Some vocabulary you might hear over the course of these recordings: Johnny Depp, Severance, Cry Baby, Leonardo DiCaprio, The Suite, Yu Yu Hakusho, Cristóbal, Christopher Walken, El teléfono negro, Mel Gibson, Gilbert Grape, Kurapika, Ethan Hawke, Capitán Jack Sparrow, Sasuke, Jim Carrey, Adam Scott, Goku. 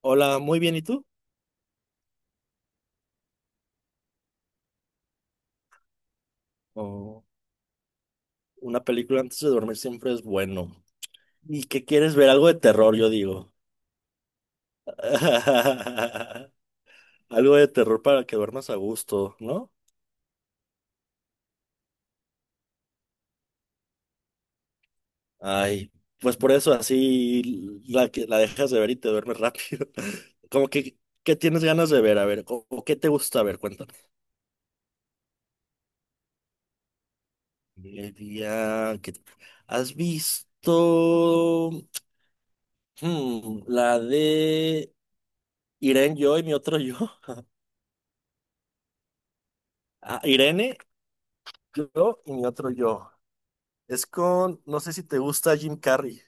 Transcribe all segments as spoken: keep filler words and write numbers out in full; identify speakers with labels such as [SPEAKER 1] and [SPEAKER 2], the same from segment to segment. [SPEAKER 1] Hola, muy bien, ¿y tú? O una película antes de dormir siempre es bueno. ¿Y qué quieres ver? Algo de terror, yo digo. Algo de terror para que duermas a gusto, ¿no? Ay, pues por eso así la, que- la dejas de ver y te duermes rápido. Como que, ¿qué tienes ganas de ver? A ver, o, o qué te gusta ver? Cuéntame. El día que- ¿Has visto hmm, la de Irene, yo y mi otro yo? Ah, Irene. Yo y mi otro yo. Es con, no sé si te gusta Jim Carrey.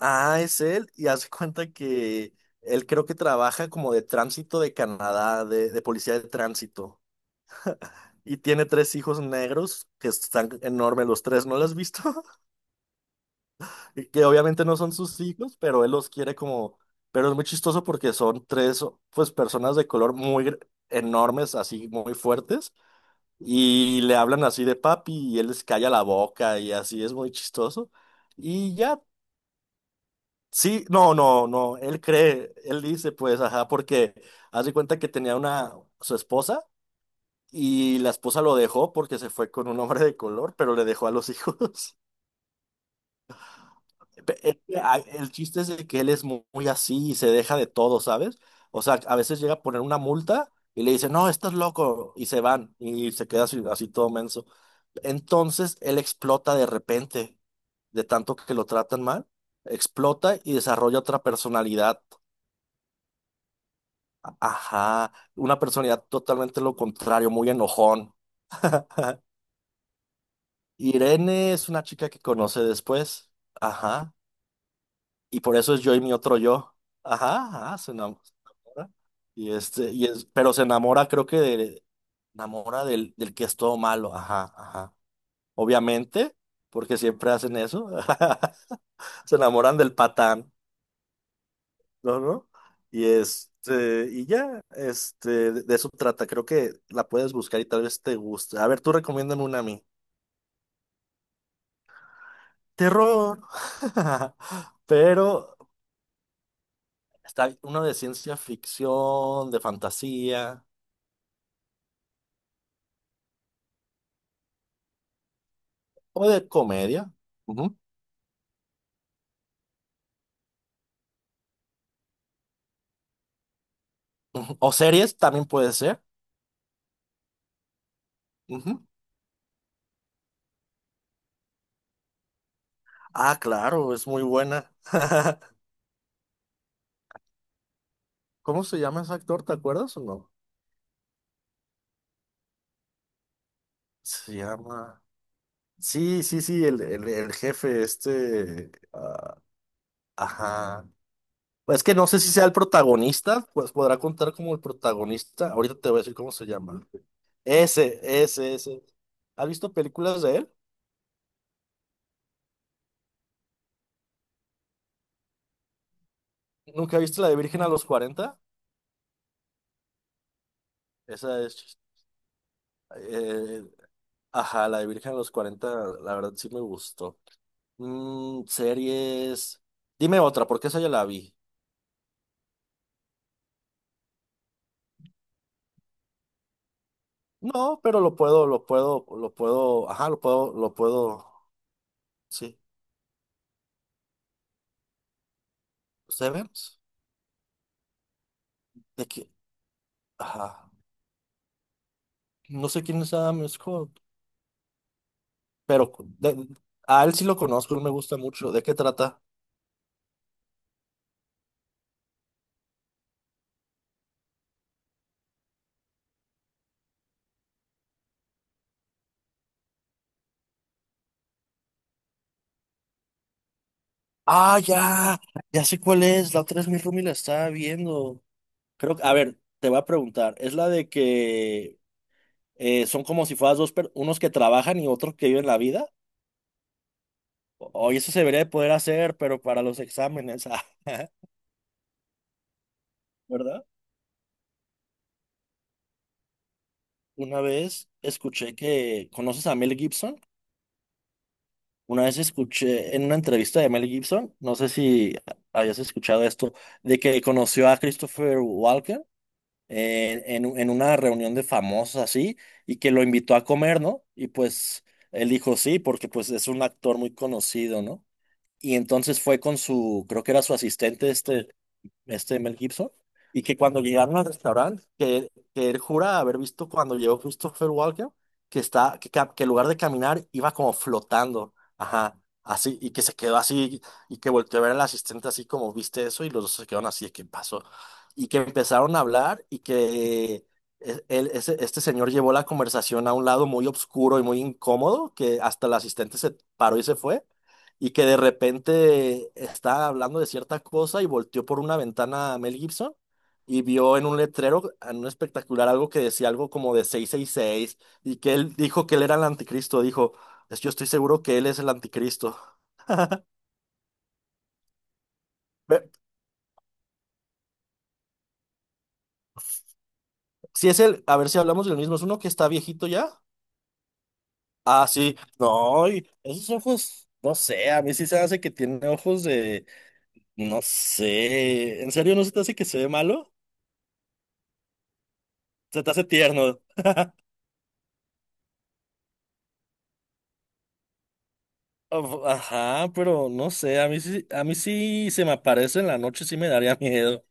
[SPEAKER 1] Ah, es él y hace cuenta que él creo que trabaja como de tránsito de Canadá, de, de policía de tránsito. Y tiene tres hijos negros que están enormes los tres, ¿no los has visto? Y que obviamente no son sus hijos, pero él los quiere como... Pero es muy chistoso porque son tres, pues, personas de color muy gr- enormes, así muy fuertes. Y le hablan así de papi y él les calla la boca y así es muy chistoso. Y ya, sí, no, no, no, él cree, él dice pues, ajá, porque hace cuenta que tenía una, su esposa y la esposa lo dejó porque se fue con un hombre de color, pero le dejó a los hijos. Pe- es que a- El chiste es de que él es mu- muy así y se deja de todo, ¿sabes? O sea, a veces llega a poner una multa y le dice, no, estás loco, y se van y se queda así, así todo menso. Entonces él explota de repente, de tanto que lo tratan mal, explota y desarrolla otra personalidad. Ajá, una personalidad totalmente lo contrario, muy enojón. Irene es una chica que conoce después. Ajá. Y por eso es yo y mi otro yo. Ajá, ajá, se enam- se enamora. Y este, y es, pero se enamora, creo que de, enamora del, del que es todo malo. Ajá, ajá. Obviamente, porque siempre hacen eso. Se enamoran del patán, ¿no? ¿No? Y este, y ya, este, de, de eso trata. Creo que la puedes buscar y tal vez te guste. A ver, tú recomiéndame una a mí. Terror. Pero está uno de ciencia ficción, de fantasía. O de comedia. Ujú, ujú. O series también puede ser. Ujú. Ah, claro, es muy buena. ¿Cómo se llama ese actor? ¿Te acuerdas o no? Se llama. Sí, sí, sí, el, el- el jefe este. Ah, ajá. Pues Es que no sé si sea el protagonista, pues podrá contar como el protagonista. Ahorita te voy a decir cómo se llama. Ese, ese, ese. ¿Has visto películas de él? ¿Nunca viste la de Virgen a los cuarenta? Esa es. eh, Ajá, la de Virgen a los cuarenta la verdad sí me gustó. Mm, series. Dime otra, porque esa ya la vi. No, pero lo puedo, lo puedo, lo puedo, ajá, lo puedo, lo puedo, sí. ¿Severance? ¿De qué? Ajá. No sé quién es Adam Scott, pero de- a él sí lo conozco, él me gusta mucho. ¿De qué trata? Ah, ya, ya sé cuál es. La otra es mi roomie la estaba viendo. Creo que, a ver, te voy a preguntar. ¿Es la de que eh, son como si fueras dos, per- unos que trabajan y otros que viven la vida. Hoy eso se debería de poder hacer, pero para los exámenes, ah, ¿verdad? Una vez escuché que, ¿conoces a Mel Gibson? Una vez escuché en una entrevista de Mel Gibson, no sé si hayas escuchado esto, de que conoció a Christopher Walken en, en en una reunión de famosos así, y que lo invitó a comer, ¿no? Y pues él dijo sí, porque pues es un actor muy conocido, ¿no? Y entonces fue con su, creo que era su asistente, este, este Mel Gibson, y que cuando llegaron al restaurante, que, que él jura haber visto cuando llegó Christopher Walken, que está, que, ca- que en lugar de caminar iba como flotando, ajá, así, y que se quedó así, y que volteó a ver al asistente así como, ¿viste eso? Y los dos se quedaron así, ¿qué pasó? Y que empezaron a hablar y que e- él- ese- este señor llevó la conversación a un lado muy oscuro y muy incómodo, que hasta el asistente se paró y se fue, y que de repente estaba hablando de cierta cosa y volteó por una ventana a Mel Gibson y vio en un letrero, en un espectacular, algo que decía algo como de seiscientos sesenta y seis, y que él dijo que él era el anticristo, dijo, "Es- yo estoy seguro que él es el anticristo". Ve- Si es él, a ver si hablamos del mismo, es uno que está viejito ya. Ah, sí, no, y esos ojos, no sé, a mí sí se hace que tiene ojos de, no sé, ¿en serio no se te hace que se ve malo? Se te hace tierno. Of- Ajá, pero no sé, a mí sí, a mí sí se me aparece en la noche, sí me daría miedo.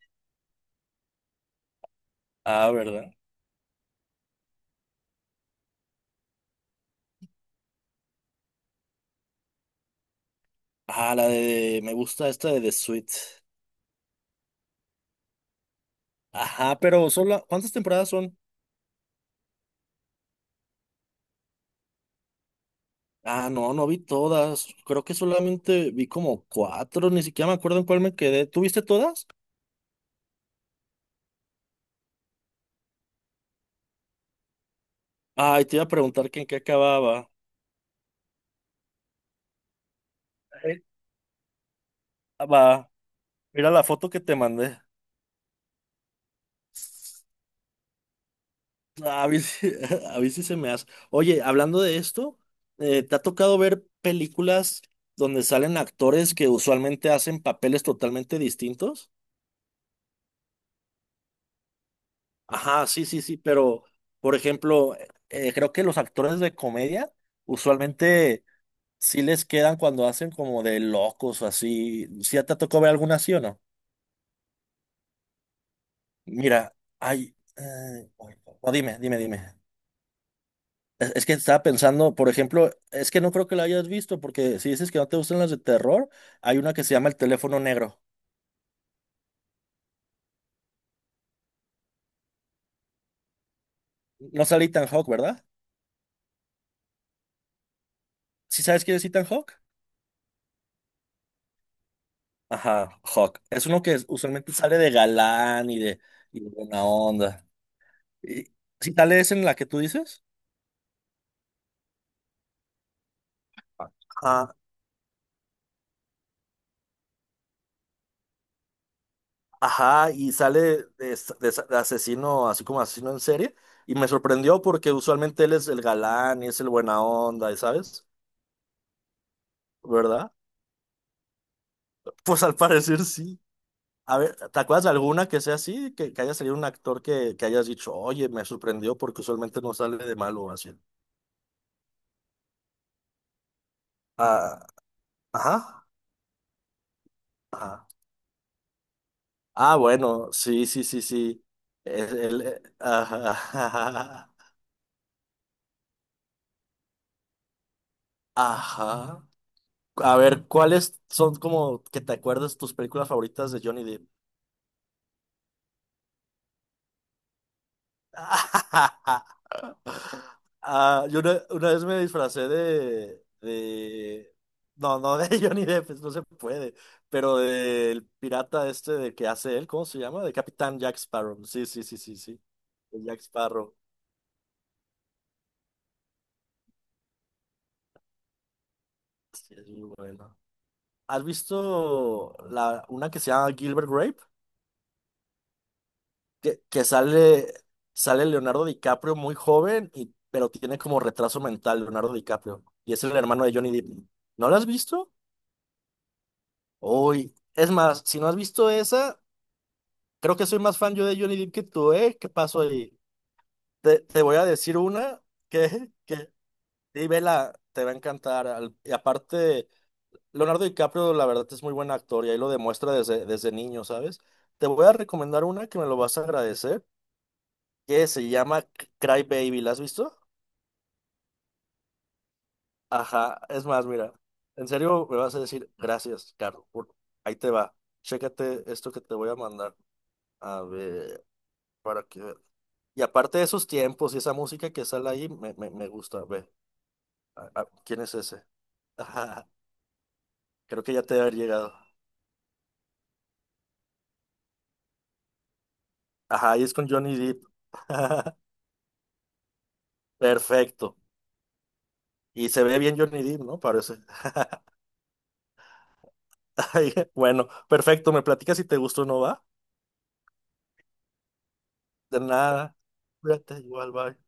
[SPEAKER 1] Ah, ¿verdad? Ah, la de, me gusta esta de The Suite. Ajá, pero solo, ¿cuántas temporadas son? Ah, no, no vi todas. Creo que solamente vi como cuatro, ni siquiera me acuerdo en cuál me quedé. ¿Tú viste todas? Ay, te iba a preguntar que en qué acababa. Eh, Va, mira la foto que te mandé. Ah, A mí, sí- a mí sí se me hace. Oye, hablando de esto, eh, ¿te ha tocado ver películas donde salen actores que usualmente hacen papeles totalmente distintos? Ajá, sí, sí, sí, pero por ejemplo, eh, creo que los actores de comedia usualmente sí les quedan cuando hacen como de locos o así. ¿Sí te tocó ver alguna así o no? Mira, hay... eh, o dime, dime, dime. Es es que estaba pensando, por ejemplo, es que no creo que la hayas visto, porque si dices que no te gustan las de terror, hay una que se llama El teléfono negro. No sale Ethan Hawke, ¿verdad? ¿Sí sabes quién es Ethan Hawke? Ajá, Hawke. Es uno que usualmente sale de galán y de, y de buena onda. Y, ¿sí sale esa en la que tú dices? Ajá, ajá, y sale de, s- de s- de asesino, así como asesino en serie, y me sorprendió porque usualmente él es el galán y es el buena onda, ¿y ¿sabes? ¿Verdad? Pues al parecer sí. A ver, ¿te acuerdas de alguna que sea así? Que, que haya salido un actor que, que hayas dicho, oye, me sorprendió porque usualmente no sale de malo así. Ah, ajá, ajá. Ah, bueno, sí, sí, sí, sí. El- el- eh, ajá, ajá. A ver, ¿cuáles son como que te acuerdas tus películas favoritas de Johnny Depp? Ah, yo una, una vez me disfracé de, de... No, no de Johnny Depp, pues, no se puede, pero del pirata este de que hace él, ¿cómo se llama? De Capitán Jack Sparrow. Sí, sí, sí, sí, sí. De Jack Sparrow. Sí, es muy bueno. ¿Has visto la, una que se llama Gilbert Grape? Que, que sale, sale Leonardo DiCaprio muy joven, y, pero tiene como retraso mental Leonardo DiCaprio. Y es el hermano de Johnny Depp. ¿No lo has visto? Uy, es más, si no has visto esa... Creo que soy más fan yo de Johnny Depp que tú, ¿eh? ¿Qué pasó ahí? Te, te voy a decir una que, que sí, vela, te va a encantar. Al- Y aparte, Leonardo DiCaprio, la verdad, es muy buen actor y ahí lo demuestra desde, desde niño, ¿sabes? Te voy a recomendar una que me lo vas a agradecer, que se llama C- Cry Baby. ¿La has visto? Ajá, es más, mira, en serio me vas a decir gracias, Carlos. por- Ahí te va. Chécate esto que te voy a mandar. A ver, para que. Y aparte de esos tiempos y esa música que sale ahí, me, me, me gusta. Ve, a- a- ¿quién es ese? Ajá, creo que ya te debe haber llegado. Ajá, y es con Johnny Depp. Perfecto. Y se ve bien Johnny Depp, ¿no? Parece. Bueno, perfecto. Me platicas si te gustó o no va. De nada. Cuídate, igual, bye.